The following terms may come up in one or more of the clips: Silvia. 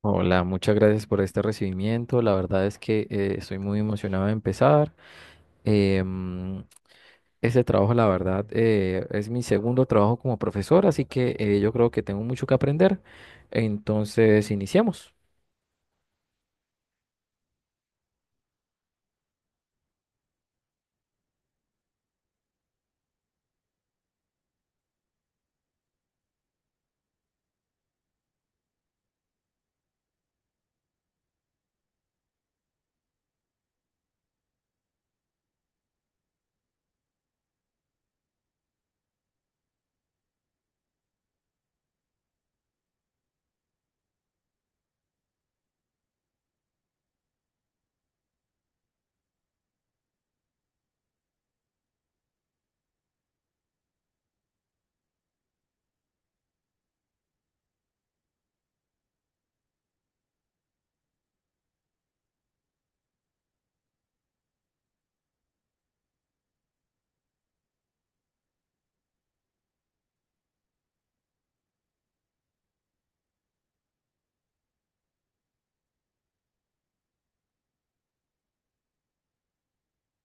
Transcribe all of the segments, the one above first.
Hola, muchas gracias por este recibimiento. La verdad es que estoy muy emocionado de empezar. Eh, mm, este trabajo, la verdad, es mi segundo trabajo como profesor, así que yo creo que tengo mucho que aprender. Entonces, iniciemos.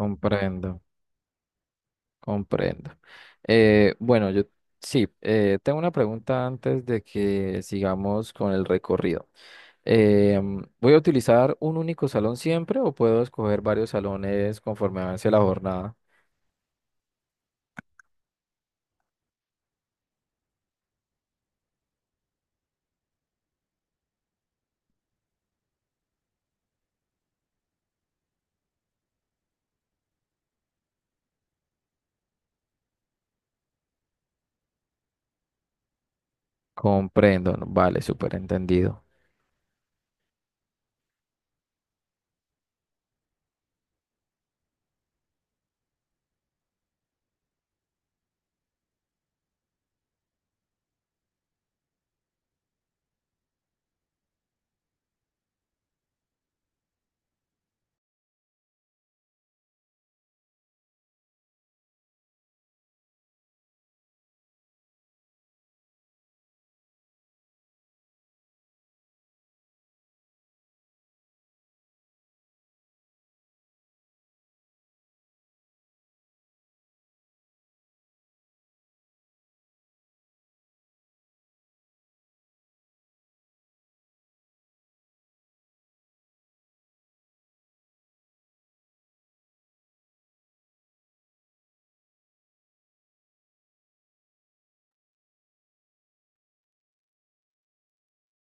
Comprendo, comprendo. Bueno, yo sí, tengo una pregunta antes de que sigamos con el recorrido. ¿Voy a utilizar un único salón siempre o puedo escoger varios salones conforme avance la jornada? Comprendo, no, vale, súper entendido.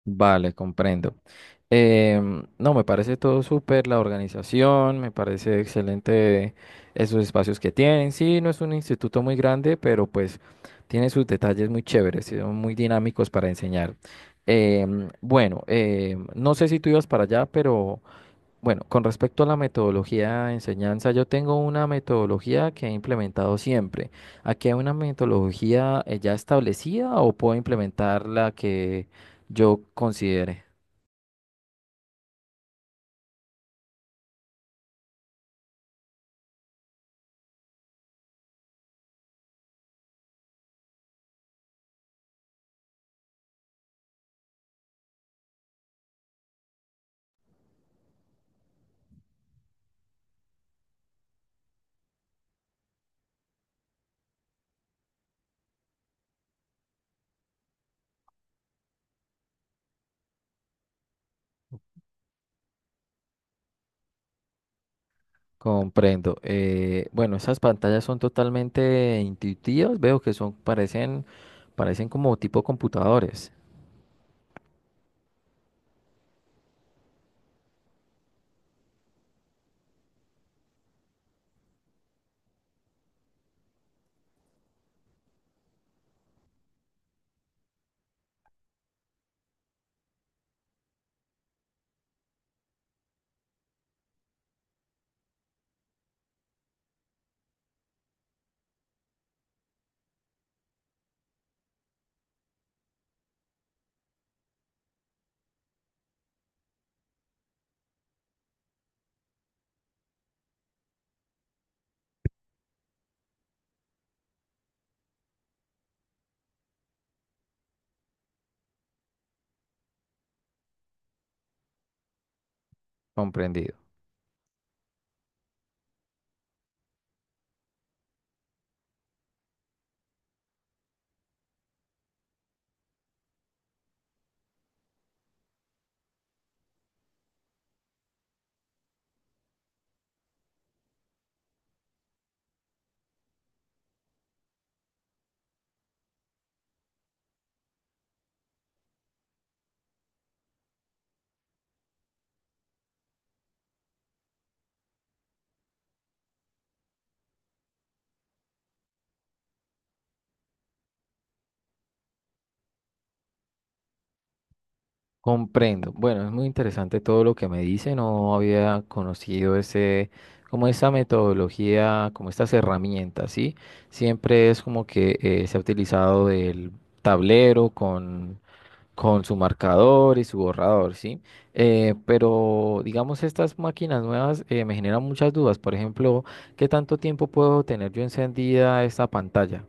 Vale, comprendo. Em, no, me parece todo súper, la organización, me parece excelente esos espacios que tienen. Sí, no es un instituto muy grande, pero pues tiene sus detalles muy chéveres, sí, son muy dinámicos para enseñar. Em, bueno, em, no sé si tú ibas para allá, pero... Bueno, con respecto a la metodología de enseñanza, yo tengo una metodología que he implementado siempre. ¿Aquí hay una metodología ya establecida o puedo implementar la que yo considere? Comprendo. Bueno, esas pantallas son totalmente intuitivas. Veo que son, parecen como tipo computadores. Comprendido. Comprendo. Bueno, es muy interesante todo lo que me dice. No había conocido ese, como esa metodología, como estas herramientas, ¿sí? Siempre es como que se ha utilizado el tablero con su marcador y su borrador, ¿sí? Pero, digamos, estas máquinas nuevas me generan muchas dudas. Por ejemplo, ¿qué tanto tiempo puedo tener yo encendida esta pantalla?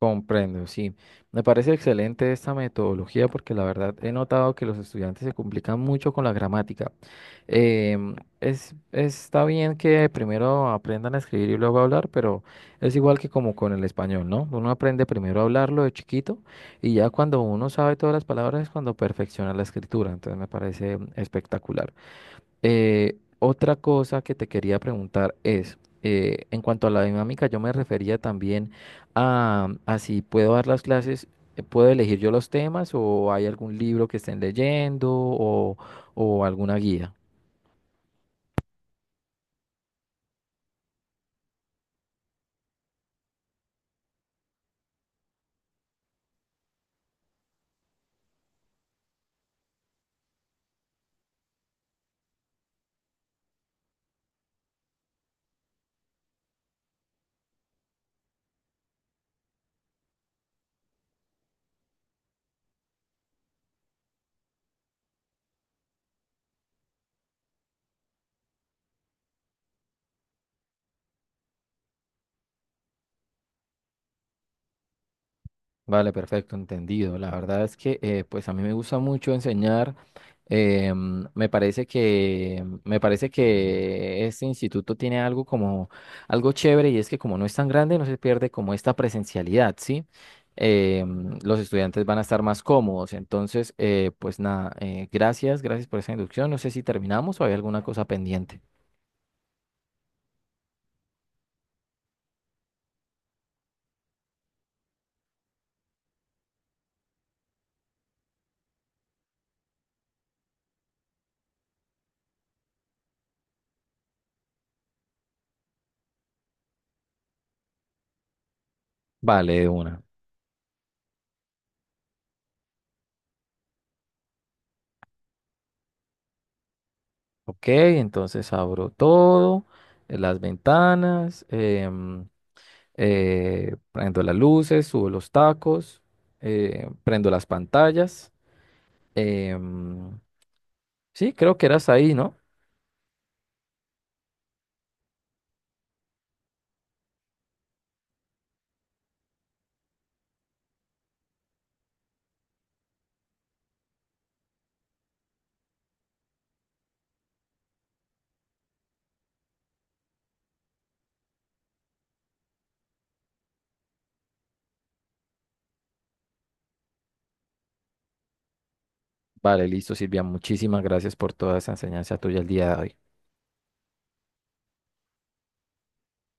Comprendo, sí. Me parece excelente esta metodología porque la verdad he notado que los estudiantes se complican mucho con la gramática. Em, es, está bien que primero aprendan a escribir y luego a hablar, pero es igual que como con el español, ¿no? Uno aprende primero a hablarlo de chiquito y ya cuando uno sabe todas las palabras es cuando perfecciona la escritura. Entonces me parece espectacular. Otra cosa que te quería preguntar es, en cuanto a la dinámica, yo me refería también a si puedo dar las clases, puedo elegir yo los temas o hay algún libro que estén leyendo o alguna guía. Vale, perfecto, entendido. La verdad es que pues a mí me gusta mucho enseñar. Me parece que este instituto tiene algo como algo chévere y es que como no es tan grande no se pierde como esta presencialidad, ¿sí? Los estudiantes van a estar más cómodos. Entonces, pues nada, gracias, gracias por esa inducción. No sé si terminamos o hay alguna cosa pendiente. Vale, de una. Ok, entonces abro todo, las ventanas. Prendo las luces, subo los tacos, prendo las pantallas. Em, sí, creo que eras ahí, ¿no? Vale, listo, Silvia. Muchísimas gracias por toda esa enseñanza tuya el día de hoy.